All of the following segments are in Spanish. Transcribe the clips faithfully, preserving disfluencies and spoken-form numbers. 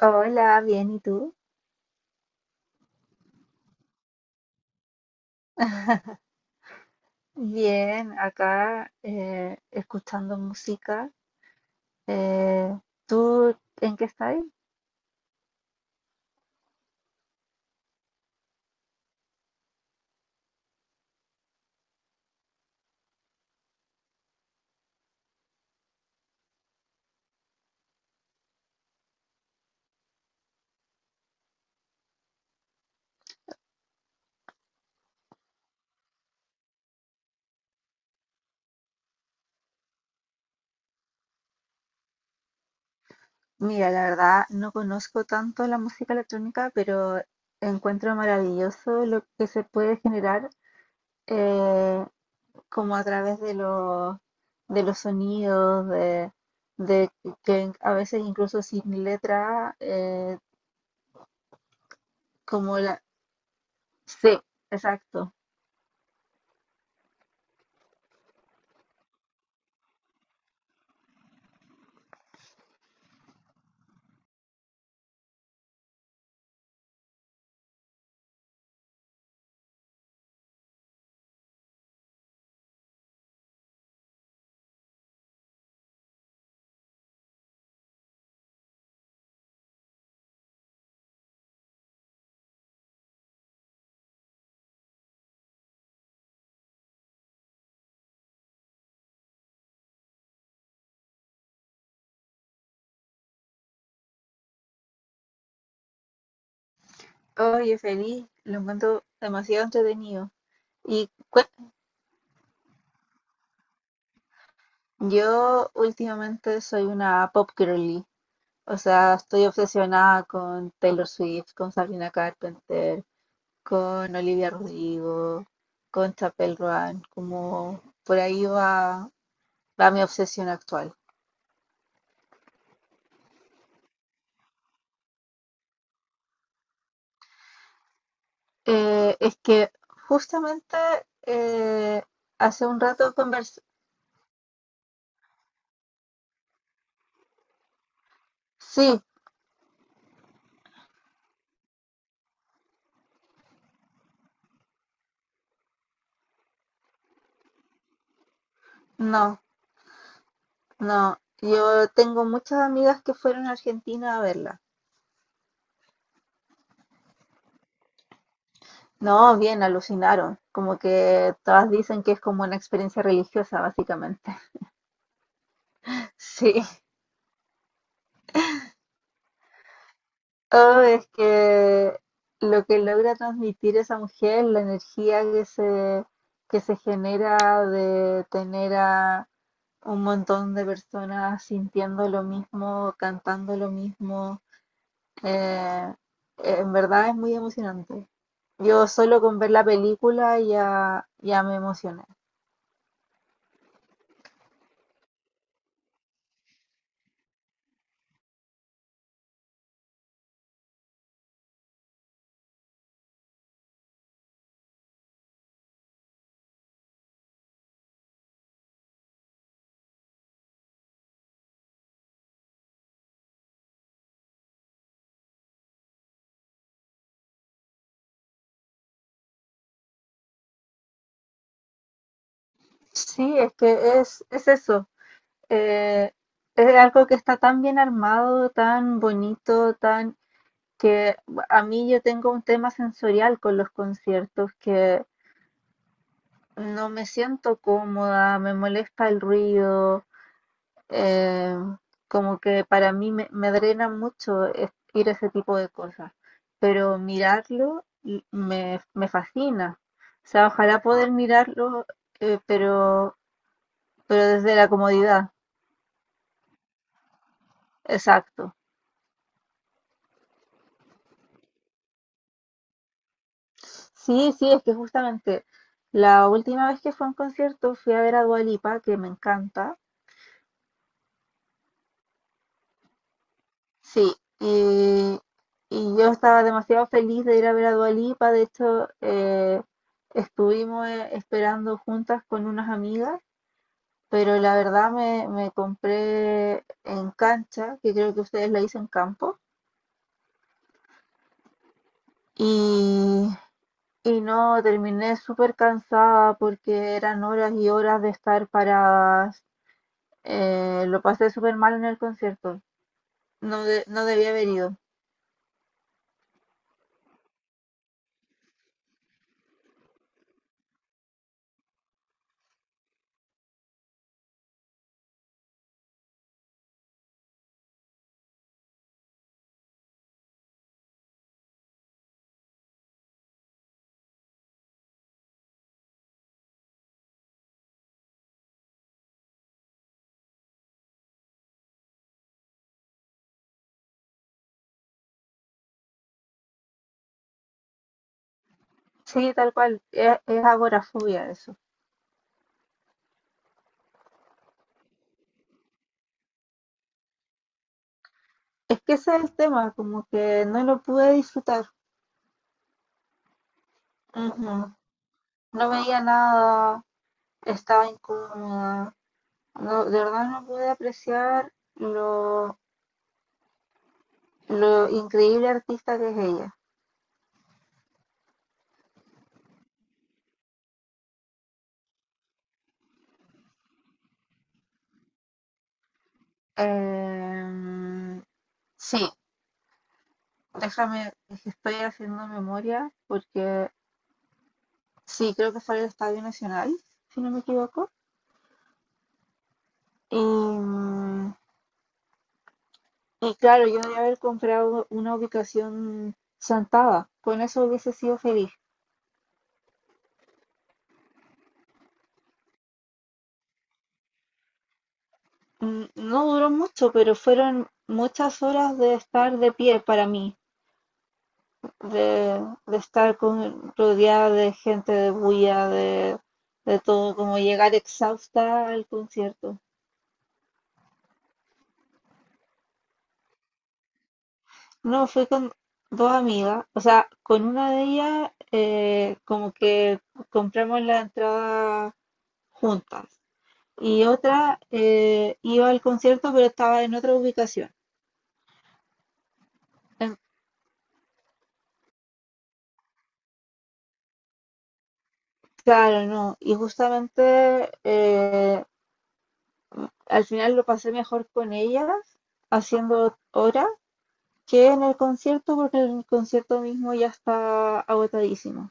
Hola, bien, ¿y tú? Bien, acá eh, escuchando música. Eh, ¿tú en qué estás? Mira, la verdad no conozco tanto la música electrónica, pero encuentro maravilloso lo que se puede generar eh, como a través de los, de los sonidos, de, de que a veces incluso sin letra, eh, como la... Sí, exacto. Oye, feliz, lo encuentro demasiado entretenido. Y cue- yo últimamente soy una pop girly, o sea, estoy obsesionada con Taylor Swift, con Sabrina Carpenter, con Olivia Rodrigo, con Chapel Roan, como por ahí va, va mi obsesión actual. Eh, es que justamente eh, hace un rato conversé, sí, no, no, yo tengo muchas amigas que fueron a Argentina a verla. No, bien, alucinaron. Como que todas dicen que es como una experiencia religiosa, básicamente. Sí. Oh, es que lo que logra transmitir esa mujer, la energía que se, que se genera de tener a un montón de personas sintiendo lo mismo, cantando lo mismo, eh, en verdad es muy emocionante. Yo solo con ver la película ya, ya me emocioné. Sí, es que es, es eso. eh, es algo que está tan bien armado, tan bonito, tan que a mí yo tengo un tema sensorial con los conciertos que no me siento cómoda, me molesta el ruido, eh, como que para mí me, me drena mucho es- ir a ese tipo de cosas, pero mirarlo y- me, me fascina. O sea, ojalá poder mirarlo, eh, pero, pero desde la comodidad. Exacto. Sí, sí, es que justamente la última vez que fue a un concierto fui a ver a Dua Lipa, que me encanta. Sí, y, y yo estaba demasiado feliz de ir a ver a Dua Lipa. De hecho, eh, estuvimos eh, esperando juntas con unas amigas, pero la verdad me, me compré en cancha, que creo que ustedes la hizo en campo, y, y no, terminé súper cansada porque eran horas y horas de estar para. Eh, lo pasé súper mal en el concierto. No, de- no debía haber ido. Sí, tal cual. Es, es agorafobia eso. Es que ese es el tema, como que no lo pude disfrutar. Ujú. No veía nada, estaba incómoda. No, de verdad no pude apreciar lo, lo increíble artista que es ella. Em, sí, déjame, es que estoy haciendo memoria porque sí, creo que fue el Estadio Nacional, si no me equivoco. Y, mm, y claro, yo debería haber comprado una ubicación Santaba. Con eso hubiese sido feliz. Mm, No duró mucho, pero fueron muchas horas de estar de pie para mí, de, de estar con, rodeada de gente, de bulla, de, de todo, como llegar exhausta al concierto. No, fui con dos amigas, o sea, con una de ellas eh, como que compramos la entrada juntas y otra eh, iba al concierto pero estaba en otra ubicación. En- claro, no. Y justamente eh, al final lo pasé mejor con ellas haciendo horas que en el concierto porque el concierto mismo ya está agotadísimo.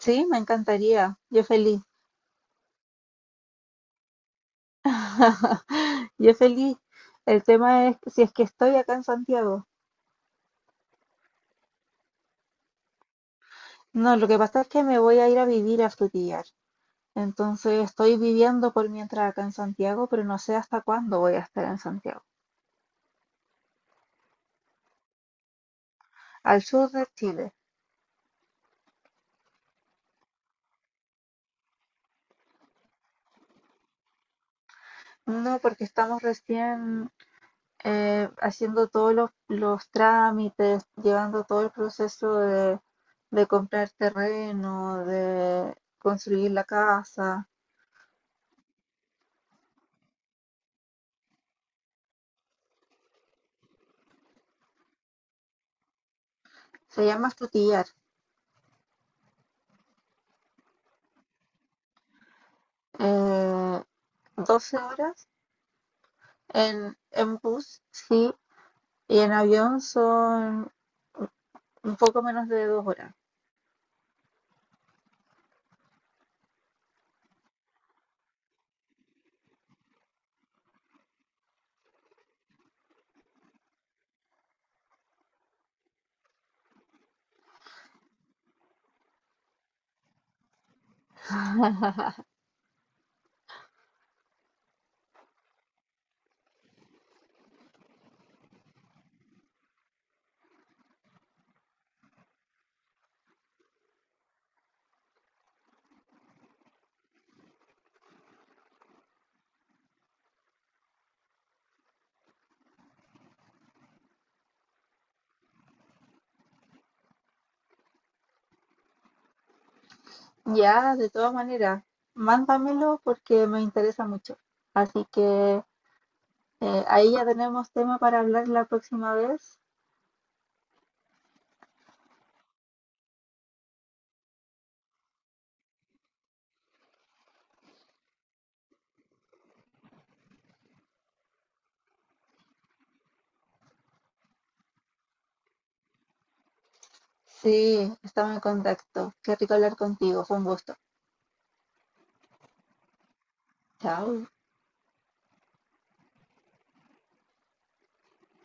Sí, me encantaría. Yo feliz. Yo feliz. El tema es si es que estoy acá en Santiago. No, lo que pasa es que me voy a ir a vivir a Frutillar. Entonces estoy viviendo por mientras acá en Santiago, pero no sé hasta cuándo voy a estar en Santiago. Al sur de Chile. No, porque estamos recién eh, haciendo todos los, los trámites, llevando todo el proceso de, de comprar terreno, de construir la casa. Se llama estutillar. Eh, doce horas en, en bus, sí, y en avión son un poco menos de dos horas. Ya, de todas maneras, mándamelo porque me interesa mucho. Así que eh, ahí ya tenemos tema para hablar la próxima vez. Sí, estamos en contacto. Qué rico hablar contigo. Fue un gusto. Chao.